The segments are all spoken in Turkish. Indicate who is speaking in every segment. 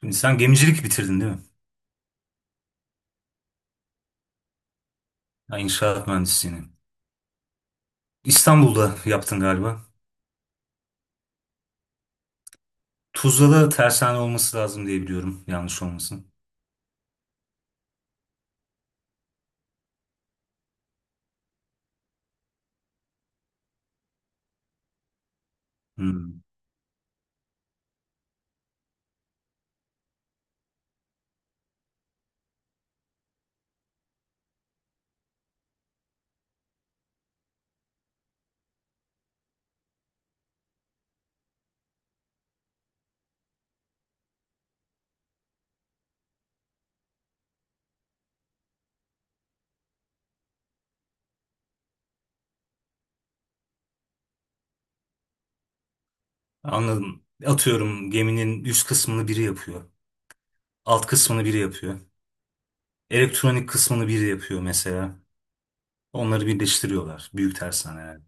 Speaker 1: Şimdi sen gemicilik bitirdin değil mi? Ya inşaat mühendisliğini. İstanbul'da yaptın galiba. Tuzla'da tersane olması lazım diye biliyorum. Yanlış olmasın. Hmm. Anladım. Atıyorum geminin üst kısmını biri yapıyor. Alt kısmını biri yapıyor. Elektronik kısmını biri yapıyor mesela. Onları birleştiriyorlar. Büyük tersaneler.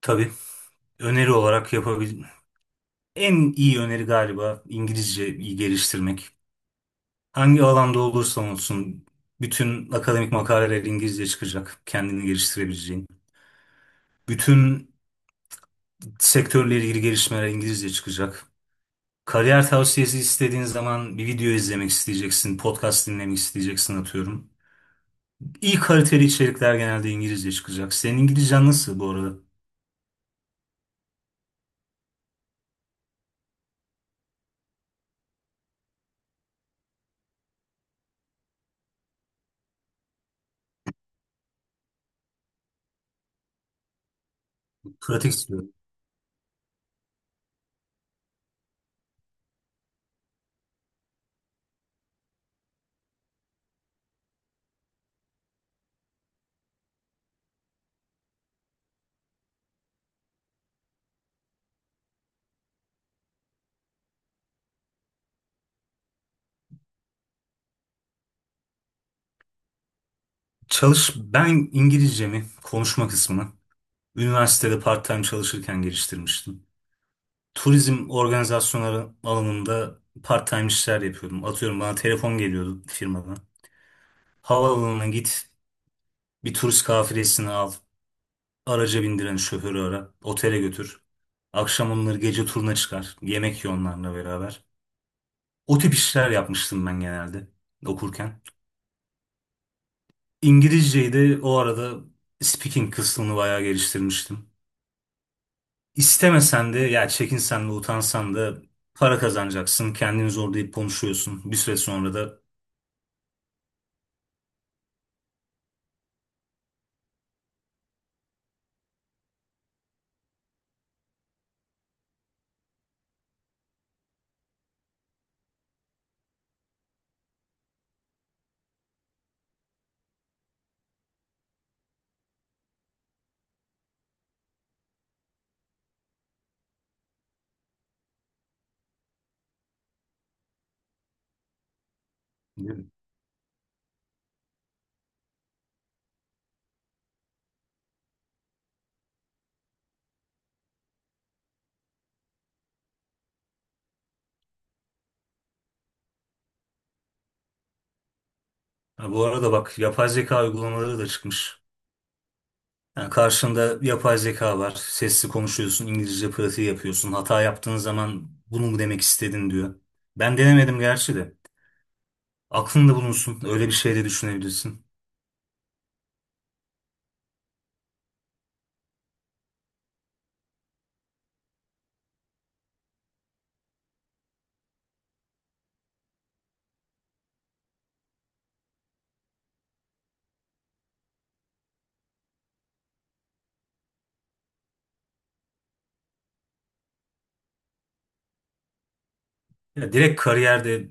Speaker 1: Tabii. öneri olarak yapabil... En iyi öneri galiba İngilizce iyi geliştirmek. Hangi alanda olursa olsun bütün akademik makaleler İngilizce çıkacak. Kendini geliştirebileceğin. Bütün sektörle ilgili gelişmeler İngilizce çıkacak. Kariyer tavsiyesi istediğin zaman bir video izlemek isteyeceksin, podcast dinlemek isteyeceksin atıyorum. İyi kaliteli içerikler genelde İngilizce çıkacak. Senin İngilizcen nasıl bu arada? Pratik istiyorum. Çalış, ben İngilizcemi, konuşma kısmını üniversitede part-time çalışırken geliştirmiştim. Turizm organizasyonları alanında part-time işler yapıyordum. Atıyorum bana telefon geliyordu firmadan. Havaalanına git, bir turist kafilesini al, araca bindiren şoförü ara, otele götür. Akşam onları gece turuna çıkar, yemek ye onlarla beraber. O tip işler yapmıştım ben genelde okurken. İngilizceyi de o arada speaking kısmını bayağı geliştirmiştim. İstemesen de ya çekinsen de utansan da para kazanacaksın. Kendini zorlayıp konuşuyorsun. Bir süre sonra da ha, bu arada bak yapay zeka uygulamaları da çıkmış. Yani karşında yapay zeka var. Sesli konuşuyorsun, İngilizce pratiği yapıyorsun. Hata yaptığın zaman bunu mu demek istedin diyor. Ben denemedim gerçi de. Aklında bulunsun. Öyle bir şey de düşünebilirsin. Ya direkt kariyerde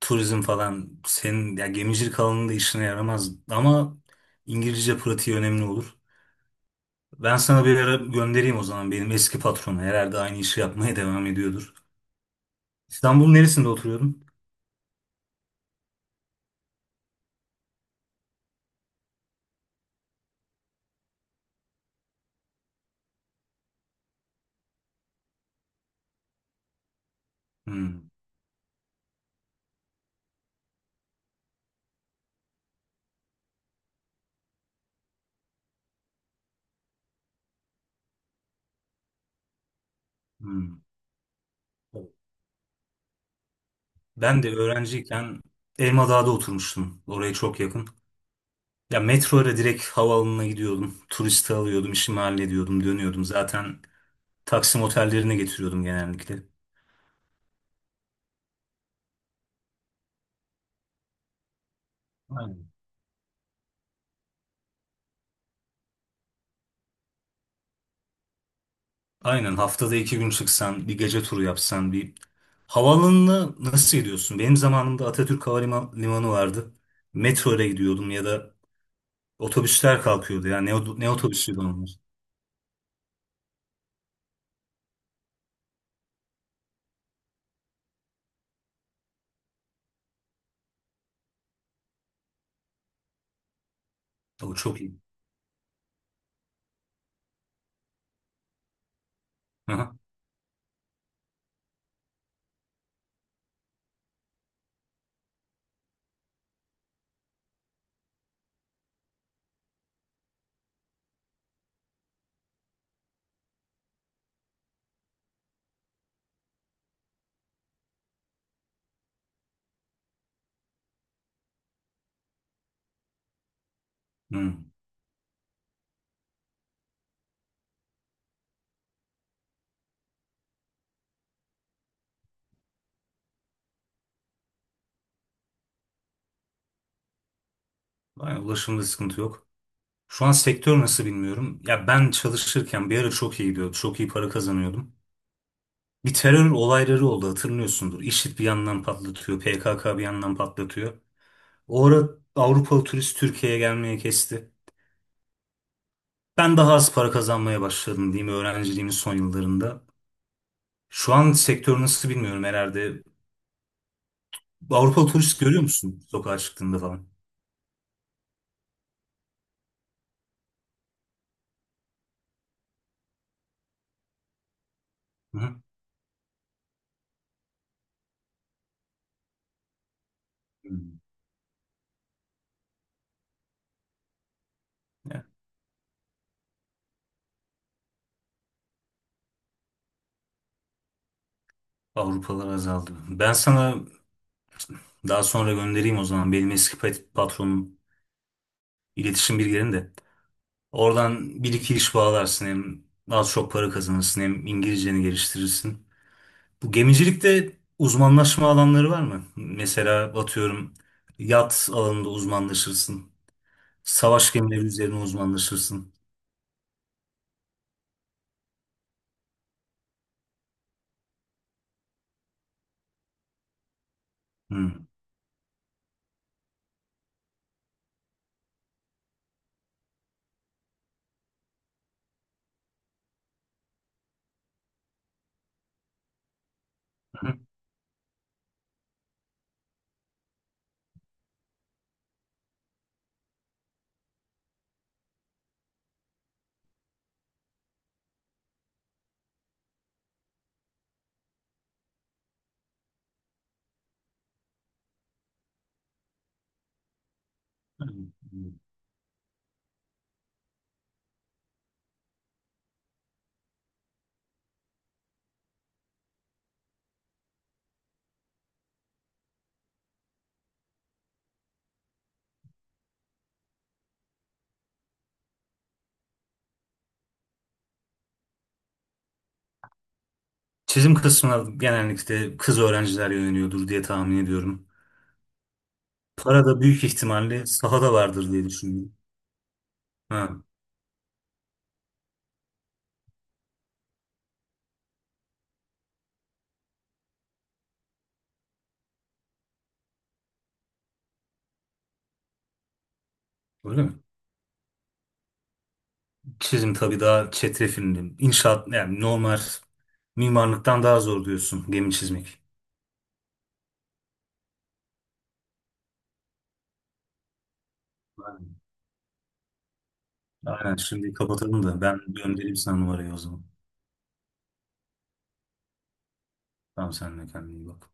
Speaker 1: turizm falan senin ya gemicilik alanında işine yaramaz ama İngilizce pratiği önemli olur. Ben sana bir ara göndereyim o zaman benim eski patronu. Herhalde aynı işi yapmaya devam ediyordur. İstanbul'un neresinde oturuyordun? Hmm, hmm. Ben de öğrenciyken Elmadağ'da oturmuştum. Oraya çok yakın. Ya metro ile direkt havaalanına gidiyordum. Turisti alıyordum, işimi hallediyordum, dönüyordum. Zaten Taksim otellerine getiriyordum genellikle. Aynen. Aynen, haftada iki gün çıksan, bir gece turu yapsan, bir havaalanını nasıl gidiyorsun? Benim zamanımda Atatürk Havalimanı vardı. Metro ile gidiyordum ya da otobüsler kalkıyordu. Yani ne otobüsüydü onlar? O çok iyi. Aha. Hı. Aynen, ulaşımda sıkıntı yok. Şu an sektör nasıl bilmiyorum. Ya ben çalışırken bir ara çok iyi gidiyordu. Çok iyi para kazanıyordum. Bir terör olayları oldu hatırlıyorsundur. IŞİD bir yandan patlatıyor. PKK bir yandan patlatıyor. O ara Avrupalı turist Türkiye'ye gelmeye kesti. Ben daha az para kazanmaya başladım diyeyim öğrenciliğimin son yıllarında. Şu an sektör nasıl bilmiyorum herhalde. Avrupalı turist görüyor musun sokağa çıktığında falan? Hı hı. Hmm. Ya, Avrupalılar azaldı. Ben sana daha sonra göndereyim o zaman. Benim eski patronum iletişim bilgilerini de. Oradan bir iki iş bağlarsın hem az çok para kazanırsın hem İngilizceni geliştirirsin. Bu gemicilikte uzmanlaşma alanları var mı? Mesela atıyorum yat alanında uzmanlaşırsın. Savaş gemileri üzerine uzmanlaşırsın. Hmm. Çizim kısmına genellikle kız öğrenciler yöneliyordur diye tahmin ediyorum. Para da büyük ihtimalle sahada vardır diye düşünüyorum. Ha, öyle mi? Çizim tabii daha çetrefilli. İnşaat yani normal mimarlıktan daha zor diyorsun gemi çizmek. Aynen. Aynen. Şimdi kapatalım da ben göndereyim sana numarayı o zaman. Tamam sen de kendine iyi bak.